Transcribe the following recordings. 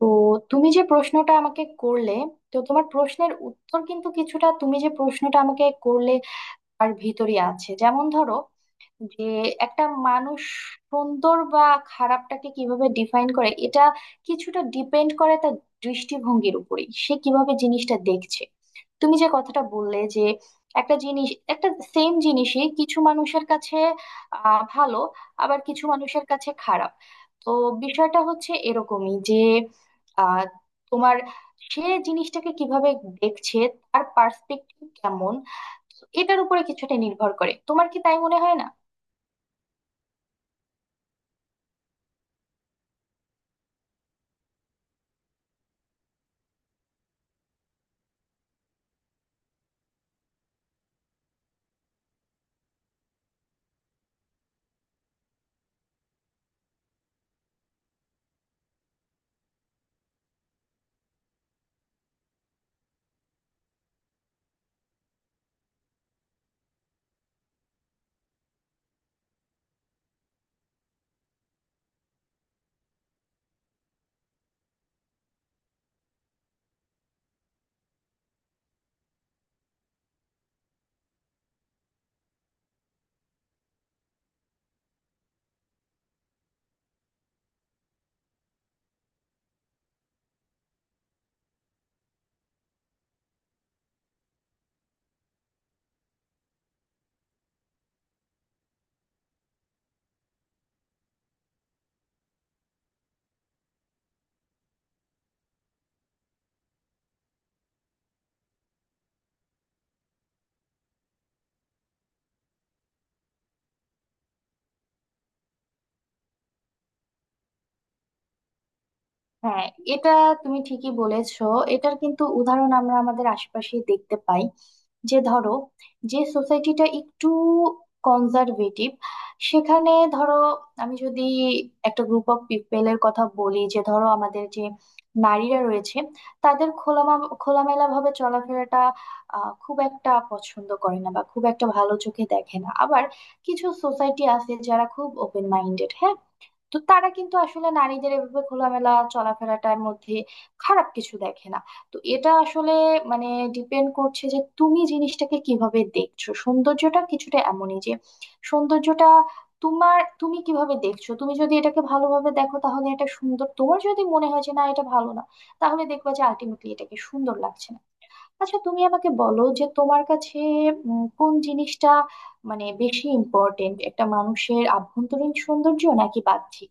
তো তুমি যে প্রশ্নটা আমাকে করলে তো তোমার প্রশ্নের উত্তর কিন্তু কিছুটা তুমি যে প্রশ্নটা আমাকে করলে আর ভিতরে আছে। যেমন ধরো, যে একটা মানুষ সুন্দর বা খারাপটাকে কিভাবে ডিফাইন করে, এটা কিছুটা ডিপেন্ড করে তার দৃষ্টিভঙ্গির উপরেই, সে কিভাবে জিনিসটা দেখছে। তুমি যে কথাটা বললে যে একটা জিনিস, একটা সেম জিনিসই কিছু মানুষের কাছে ভালো, আবার কিছু মানুষের কাছে খারাপ। তো বিষয়টা হচ্ছে এরকমই যে আহ তোমার, সে জিনিসটাকে কিভাবে দেখছে, তার পার্সপেক্টিভ কেমন, এটার উপরে কিছুটা নির্ভর করে। তোমার কি তাই মনে হয় না? হ্যাঁ, এটা তুমি ঠিকই বলেছো, এটার কিন্তু উদাহরণ আমরা আমাদের আশেপাশে দেখতে পাই। যে ধরো, যে সোসাইটিটা একটু কনজারভেটিভ, সেখানে ধরো আমি যদি একটা গ্রুপ অফ পিপলের কথা বলি, যে ধরো আমাদের যে নারীরা রয়েছে, তাদের খোলামেলা ভাবে চলাফেরাটা খুব একটা পছন্দ করে না বা খুব একটা ভালো চোখে দেখে না। আবার কিছু সোসাইটি আছে যারা খুব ওপেন মাইন্ডেড, তো তারা কিন্তু আসলে নারীদের এভাবে খোলামেলা চলাফেরাটার মধ্যে খারাপ কিছু দেখে না। তো এটা আসলে মানে ডিপেন্ড করছে যে তুমি জিনিসটাকে কিভাবে দেখছো। সৌন্দর্যটা কিছুটা এমনই যে সৌন্দর্যটা তোমার, তুমি কিভাবে দেখছো। তুমি যদি এটাকে ভালোভাবে দেখো তাহলে এটা সুন্দর, তোমার যদি মনে হয় যে না এটা ভালো না, তাহলে দেখবা যে আলটিমেটলি এটাকে সুন্দর লাগছে না। আচ্ছা তুমি আমাকে বলো, যে তোমার কাছে কোন জিনিসটা মানে বেশি ইম্পর্টেন্ট, একটা মানুষের আভ্যন্তরীণ সৌন্দর্য নাকি বাহ্যিক?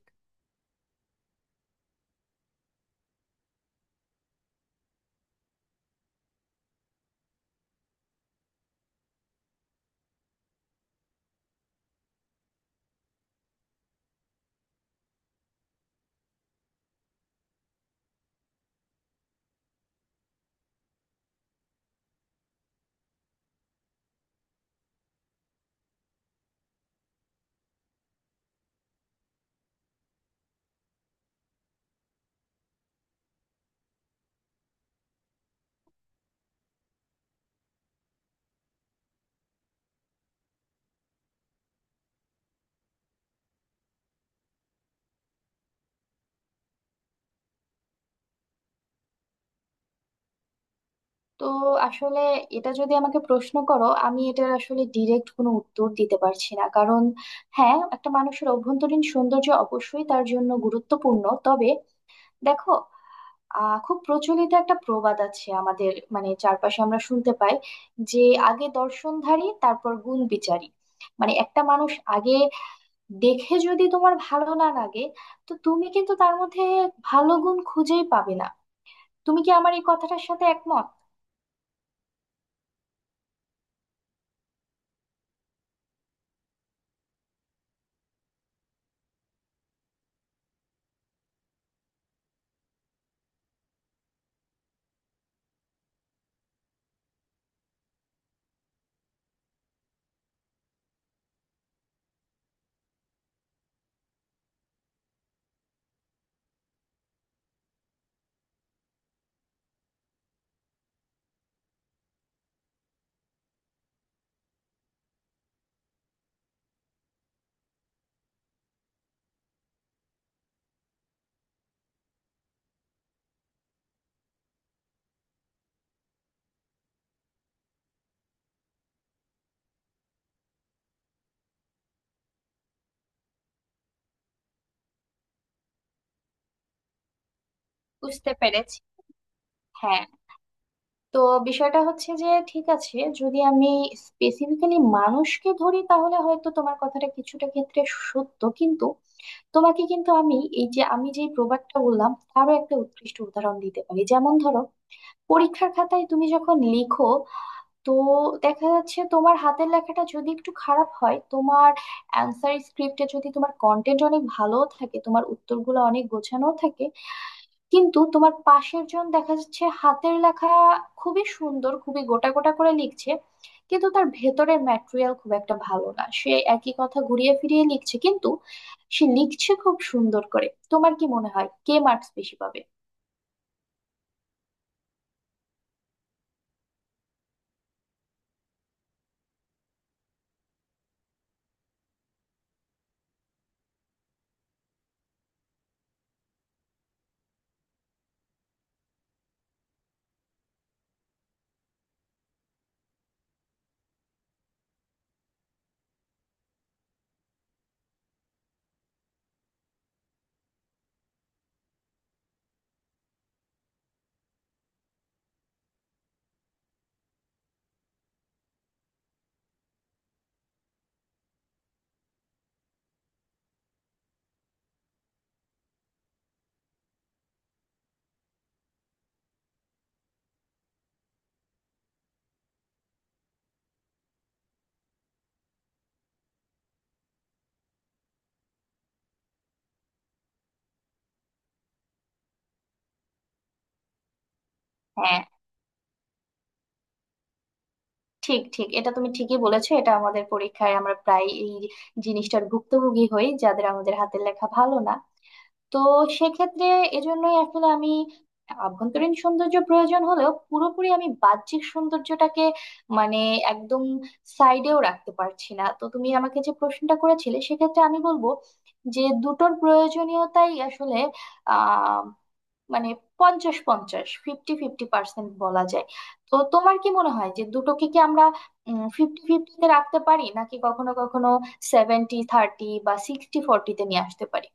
তো আসলে এটা যদি আমাকে প্রশ্ন করো, আমি এটার আসলে ডিরেক্ট কোনো উত্তর দিতে পারছি না। কারণ হ্যাঁ, একটা মানুষের অভ্যন্তরীণ সৌন্দর্য অবশ্যই তার জন্য গুরুত্বপূর্ণ, তবে দেখো, খুব প্রচলিত একটা প্রবাদ আছে আমাদের, মানে চারপাশে আমরা শুনতে পাই, যে আগে দর্শনধারী তারপর গুণ বিচারী। মানে একটা মানুষ আগে দেখে, যদি তোমার ভালো না লাগে, তো তুমি কিন্তু তার মধ্যে ভালো গুণ খুঁজেই পাবে না। তুমি কি আমার এই কথাটার সাথে একমত? বুঝতে পেরেছি। হ্যাঁ, তো বিষয়টা হচ্ছে যে ঠিক আছে, যদি আমি স্পেসিফিক্যালি মানুষকে ধরি, তাহলে হয়তো তোমার কথাটা কিছুটা ক্ষেত্রে সত্য, কিন্তু তোমাকে কিন্তু আমি এই যে আমি যে প্রবাদটা বললাম তারও একটা উৎকৃষ্ট উদাহরণ দিতে পারি। যেমন ধরো, পরীক্ষার খাতায় তুমি যখন লিখো, তো দেখা যাচ্ছে তোমার হাতের লেখাটা যদি একটু খারাপ হয়, তোমার অ্যান্সার স্ক্রিপ্টে যদি তোমার কন্টেন্ট অনেক ভালো থাকে, তোমার উত্তরগুলো অনেক গোছানো থাকে, কিন্তু তোমার পাশের জন দেখা যাচ্ছে হাতের লেখা খুবই সুন্দর, খুবই গোটা গোটা করে লিখছে, কিন্তু তার ভেতরের ম্যাটেরিয়াল খুব একটা ভালো না, সে একই কথা ঘুরিয়ে ফিরিয়ে লিখছে, কিন্তু সে লিখছে খুব সুন্দর করে, তোমার কি মনে হয় কে মার্কস বেশি পাবে? হ্যাঁ, ঠিক ঠিক, এটা তুমি ঠিকই বলেছো। এটা আমাদের পরীক্ষায় আমরা প্রায় এই জিনিসটার ভুক্তভোগী হই, যাদের আমাদের হাতের লেখা ভালো না। তো সেক্ষেত্রে এজন্যই আসলে আমি আভ্যন্তরীণ সৌন্দর্য প্রয়োজন হলেও পুরোপুরি আমি বাহ্যিক সৌন্দর্যটাকে মানে একদম সাইডেও রাখতে পারছি না। তো তুমি আমাকে যে প্রশ্নটা করেছিলে, সেক্ষেত্রে আমি বলবো যে দুটোর প্রয়োজনীয়তাই আসলে আহ মানে 50-50, 50-50% বলা যায়। তো তোমার কি মনে হয় যে দুটোকে কি আমরা 50-50তে রাখতে পারি, নাকি কখনো কখনো 70-30 বা 60-40তে নিয়ে আসতে পারি?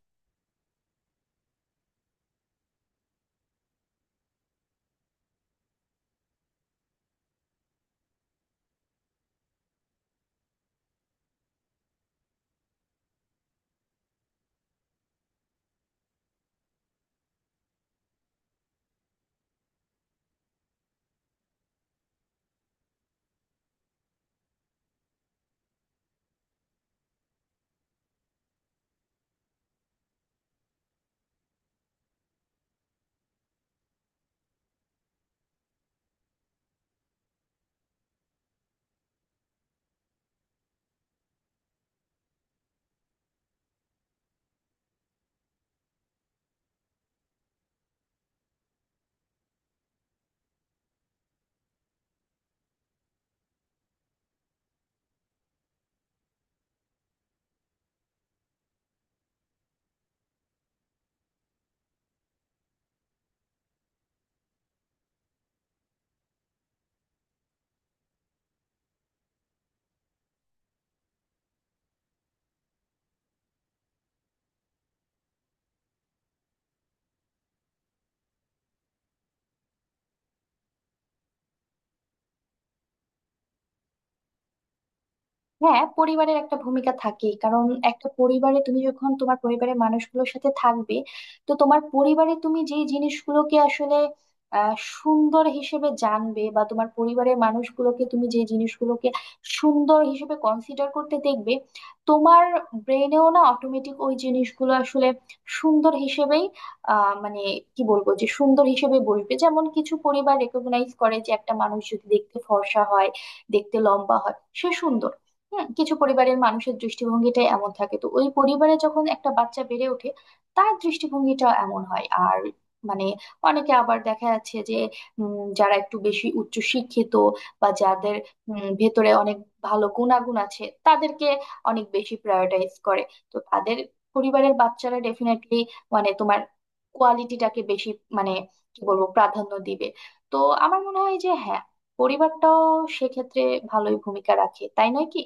হ্যাঁ, পরিবারের একটা ভূমিকা থাকেই। কারণ একটা পরিবারে তুমি যখন তোমার পরিবারের মানুষগুলোর সাথে থাকবে, তো তোমার পরিবারে তুমি যে জিনিসগুলোকে আসলে আহ, সুন্দর হিসেবে জানবে, বা তোমার পরিবারের মানুষগুলোকে তুমি যে জিনিসগুলোকে সুন্দর হিসেবে কনসিডার করতে দেখবে, তোমার ব্রেনেও না অটোমেটিক ওই জিনিসগুলো আসলে সুন্দর হিসেবেই মানে কি বলবো, যে সুন্দর হিসেবে বসবে। যেমন কিছু পরিবার রেকগনাইজ করে যে একটা মানুষ যদি দেখতে ফর্সা হয়, দেখতে লম্বা হয়, সে সুন্দর। হ্যাঁ, কিছু পরিবারের মানুষের দৃষ্টিভঙ্গিটা এমন থাকে, তো ওই পরিবারে যখন একটা বাচ্চা বেড়ে ওঠে, তার দৃষ্টিভঙ্গিটা এমন হয়। আর মানে অনেকে আবার দেখা যাচ্ছে যে যারা একটু বেশি উচ্চ শিক্ষিত, বা যাদের ভেতরে অনেক ভালো গুণাগুণ আছে, তাদেরকে অনেক বেশি প্রায়োরিটাইজ করে। তো তাদের পরিবারের বাচ্চারা ডেফিনেটলি মানে তোমার কোয়ালিটিটাকে বেশি মানে কি বলবো, প্রাধান্য দিবে। তো আমার মনে হয় যে হ্যাঁ, পরিবারটাও সেক্ষেত্রে ভালোই ভূমিকা রাখে, তাই নয় কি?